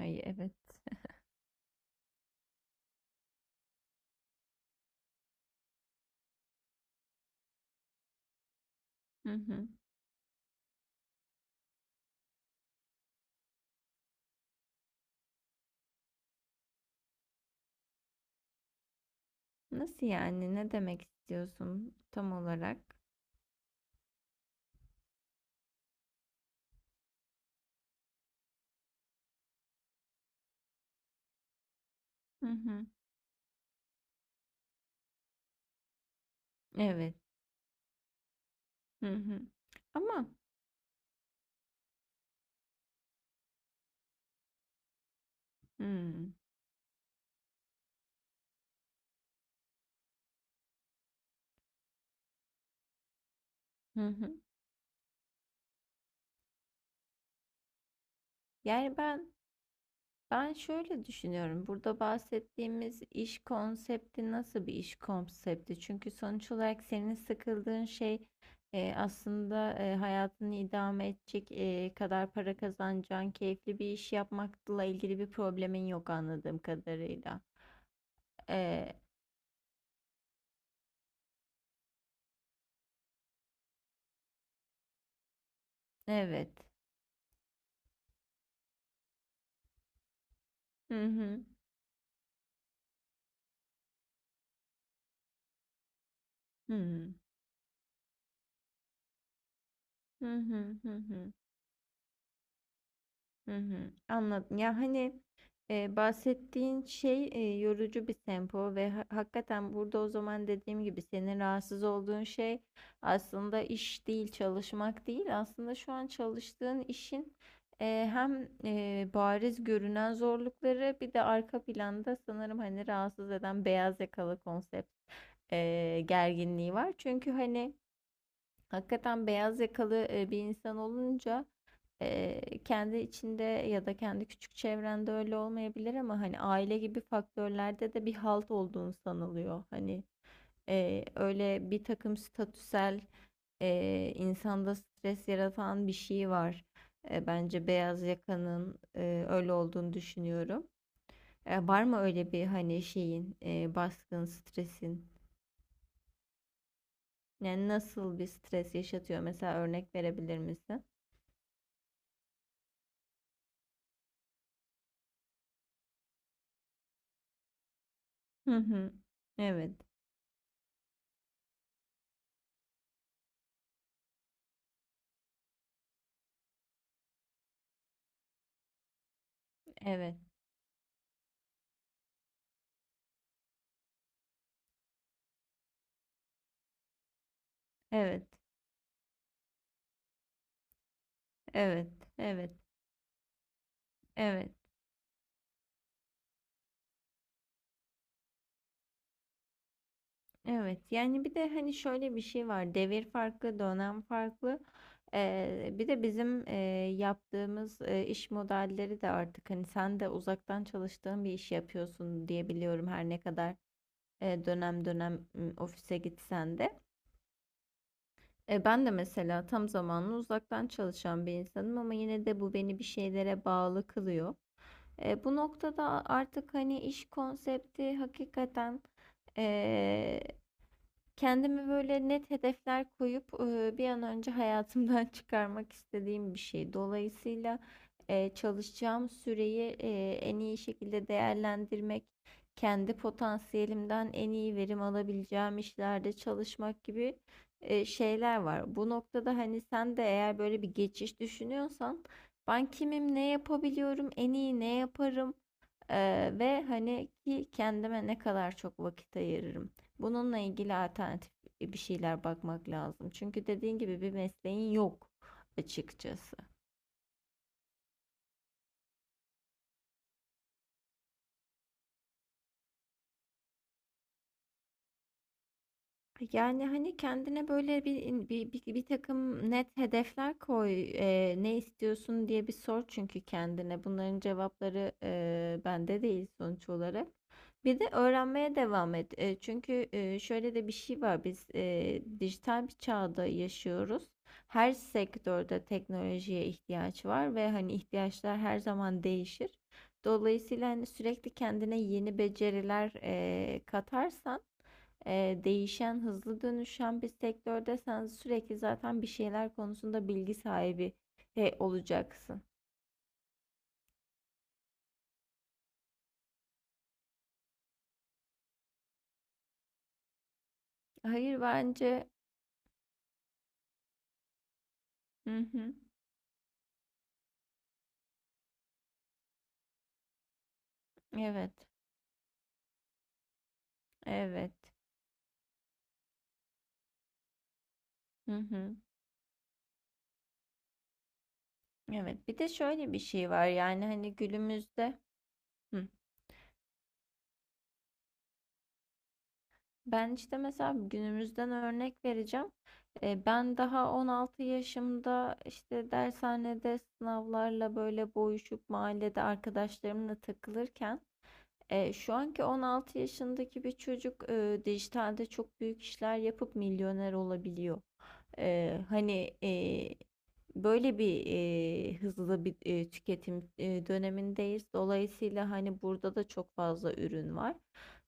Ay evet. Hı hı. Nasıl yani? Ne demek istiyorsun tam olarak? Hı hı. Evet. Hı hı. Ama hmm. Hı hı. Yani ben şöyle düşünüyorum. Burada bahsettiğimiz iş konsepti nasıl bir iş konsepti? Çünkü sonuç olarak senin sıkıldığın şey aslında hayatını idame edecek kadar para kazanacağın keyifli bir iş yapmakla ilgili bir problemin yok anladığım kadarıyla. E, evet. Hı hı. Hıı. Hı hı. Hı hı. Hı hı. Hı. Anladım. Ya, hani, bahsettiğin şey, yorucu bir tempo ve hakikaten burada o zaman dediğim gibi senin rahatsız olduğun şey aslında iş değil, çalışmak değil. Aslında şu an çalıştığın işin, hem, bariz görünen zorlukları bir de arka planda sanırım, hani, rahatsız eden beyaz yakalı konsept, gerginliği var. Çünkü, hani, hakikaten beyaz yakalı bir insan olunca kendi içinde ya da kendi küçük çevrende öyle olmayabilir ama hani aile gibi faktörlerde de bir halt olduğunu sanılıyor. Hani öyle bir takım statüsel insanda stres yaratan bir şey var. Bence beyaz yakanın öyle olduğunu düşünüyorum. Var mı öyle bir hani şeyin baskın stresin? Yani nasıl bir stres yaşatıyor? Mesela örnek verebilir misin? Hı hı. Evet. Evet. Evet. Evet. Evet. Evet. Evet. Yani bir de hani şöyle bir şey var. Devir farklı, dönem farklı. Bir de bizim yaptığımız iş modelleri de artık hani sen de uzaktan çalıştığın bir iş yapıyorsun diye biliyorum, her ne kadar dönem dönem ofise gitsen de. Ben de mesela tam zamanlı uzaktan çalışan bir insanım ama yine de bu beni bir şeylere bağlı kılıyor. Bu noktada artık hani iş konsepti hakikaten e, kendimi böyle net hedefler koyup bir an önce hayatımdan çıkarmak istediğim bir şey. Dolayısıyla çalışacağım süreyi en iyi şekilde değerlendirmek, kendi potansiyelimden en iyi verim alabileceğim işlerde çalışmak gibi şeyler var. Bu noktada hani sen de eğer böyle bir geçiş düşünüyorsan, ben kimim, ne yapabiliyorum, en iyi ne yaparım? Ve hani ki kendime ne kadar çok vakit ayırırım. Bununla ilgili alternatif bir şeyler bakmak lazım. Çünkü dediğin gibi bir mesleğin yok açıkçası. Yani, hani, kendine böyle bir in bir bir takım net hedefler koy. Ne istiyorsun diye bir sor çünkü kendine. Bunların cevapları, bende değil sonuç olarak. Bir de öğrenmeye devam et. Çünkü, şöyle de bir şey var. Biz, dijital bir çağda yaşıyoruz. Her sektörde teknolojiye ihtiyaç var ve, hani, ihtiyaçlar her zaman değişir. Dolayısıyla, hani, sürekli kendine yeni beceriler, katarsan değişen, hızlı dönüşen bir sektörde sen sürekli zaten bir şeyler konusunda bilgi sahibi olacaksın. Hayır bence. Hı hı. Evet. Evet. Hı hı. Evet. Bir de şöyle bir şey var yani hani günümüzde. Hı. Ben işte mesela günümüzden örnek vereceğim. Ben daha 16 yaşımda işte dershanede sınavlarla böyle boğuşup mahallede arkadaşlarımla takılırken, şu anki 16 yaşındaki bir çocuk dijitalde çok büyük işler yapıp milyoner olabiliyor. Hani, böyle bir, hızlı bir, tüketim, dönemindeyiz. Dolayısıyla, hani, burada da çok fazla ürün var.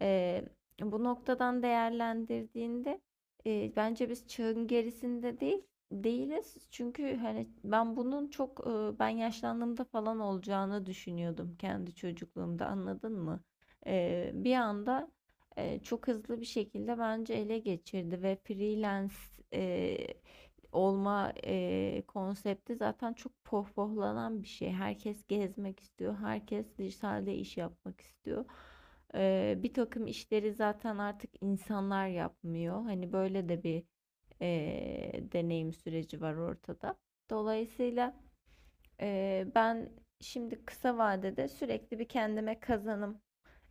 Eee, Bu noktadan değerlendirdiğinde, bence biz çağın gerisinde değil değiliz. Çünkü, hani, ben bunun çok, ben yaşlandığımda falan olacağını düşünüyordum kendi çocukluğumda, anladın mı? Bir anda çok hızlı bir şekilde bence ele geçirdi ve freelance e, olma konsepti zaten çok pohpohlanan bir şey. Herkes gezmek istiyor, herkes dijitalde iş yapmak istiyor. Bir takım işleri zaten artık insanlar yapmıyor. Hani böyle de bir deneyim süreci var ortada. Dolayısıyla ben şimdi kısa vadede sürekli bir kendime kazanım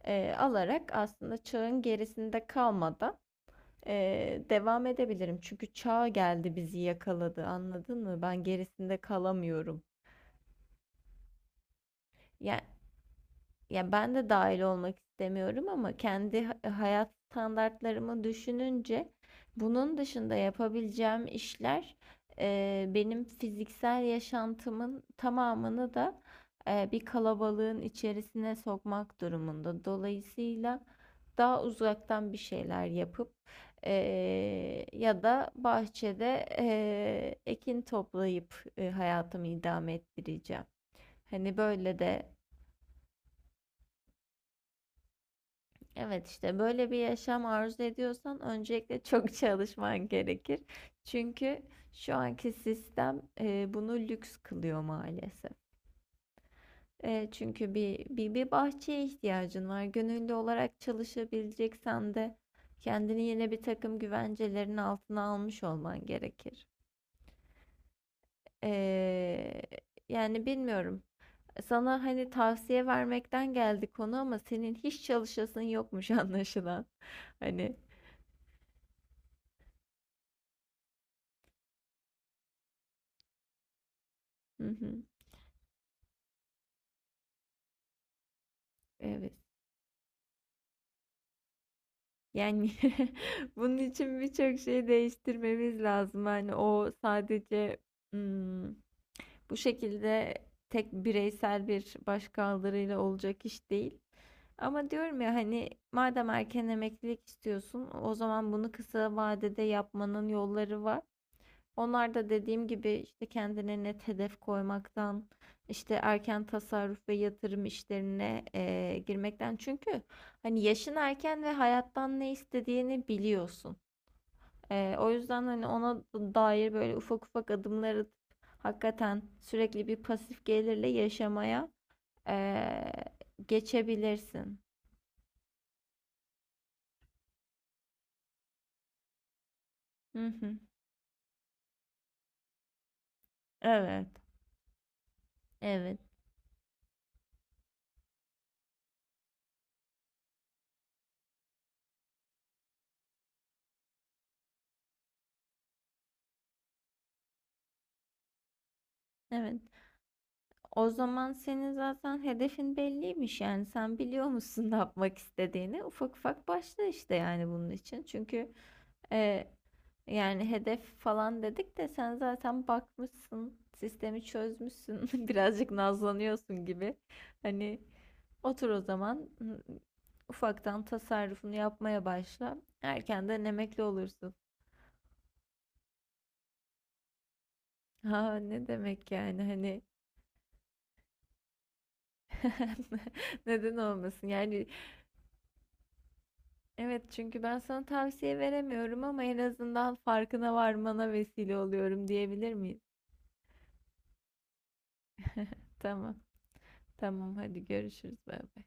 alarak aslında çağın gerisinde kalmadan devam edebilirim. Çünkü çağ geldi bizi yakaladı, anladın mı? Ben gerisinde kalamıyorum. Yani. Ya ben de dahil olmak istemiyorum ama kendi hayat standartlarımı düşününce bunun dışında yapabileceğim işler benim fiziksel yaşantımın tamamını da bir kalabalığın içerisine sokmak durumunda. Dolayısıyla daha uzaktan bir şeyler yapıp e, ya da bahçede ekin toplayıp hayatımı idame ettireceğim. Hani böyle de. Evet, işte böyle bir yaşam arzu ediyorsan öncelikle çok çalışman gerekir. Çünkü şu anki sistem bunu lüks kılıyor maalesef. Çünkü bir bahçeye ihtiyacın var. Gönüllü olarak çalışabileceksen de kendini yine bir takım güvencelerin altına almış olman gerekir. E, Yani bilmiyorum. Sana hani tavsiye vermekten geldi konu ama senin hiç çalışasın yokmuş anlaşılan. Hani. Hı hı. Evet. Yani bunun için birçok şeyi değiştirmemiz lazım. Hani o sadece, hmm, bu şekilde tek bireysel bir başkaldırıyla olacak iş değil. Ama diyorum ya, hani madem erken emeklilik istiyorsun, o zaman bunu kısa vadede yapmanın yolları var. Onlar da dediğim gibi işte kendine net hedef koymaktan, işte erken tasarruf ve yatırım işlerine girmekten. Çünkü hani yaşın erken ve hayattan ne istediğini biliyorsun. O yüzden hani ona dair böyle ufak ufak adımlar atıp hakikaten sürekli bir pasif gelirle yaşamaya eee, geçebilirsin. Hı hı. Evet. Evet. Evet. O zaman senin zaten hedefin belliymiş, yani sen biliyor musun ne yapmak istediğini. Ufak ufak başla işte, yani bunun için. Çünkü e, yani hedef falan dedik de sen zaten bakmışsın, sistemi çözmüşsün birazcık nazlanıyorsun gibi, hani otur o zaman, ufaktan tasarrufunu yapmaya başla, erkenden emekli olursun. Ha ne demek yani, hani neden olmasın yani. Evet, çünkü ben sana tavsiye veremiyorum ama en azından farkına varmana vesile oluyorum, diyebilir miyiz? Tamam. Tamam, hadi görüşürüz. Bay bay.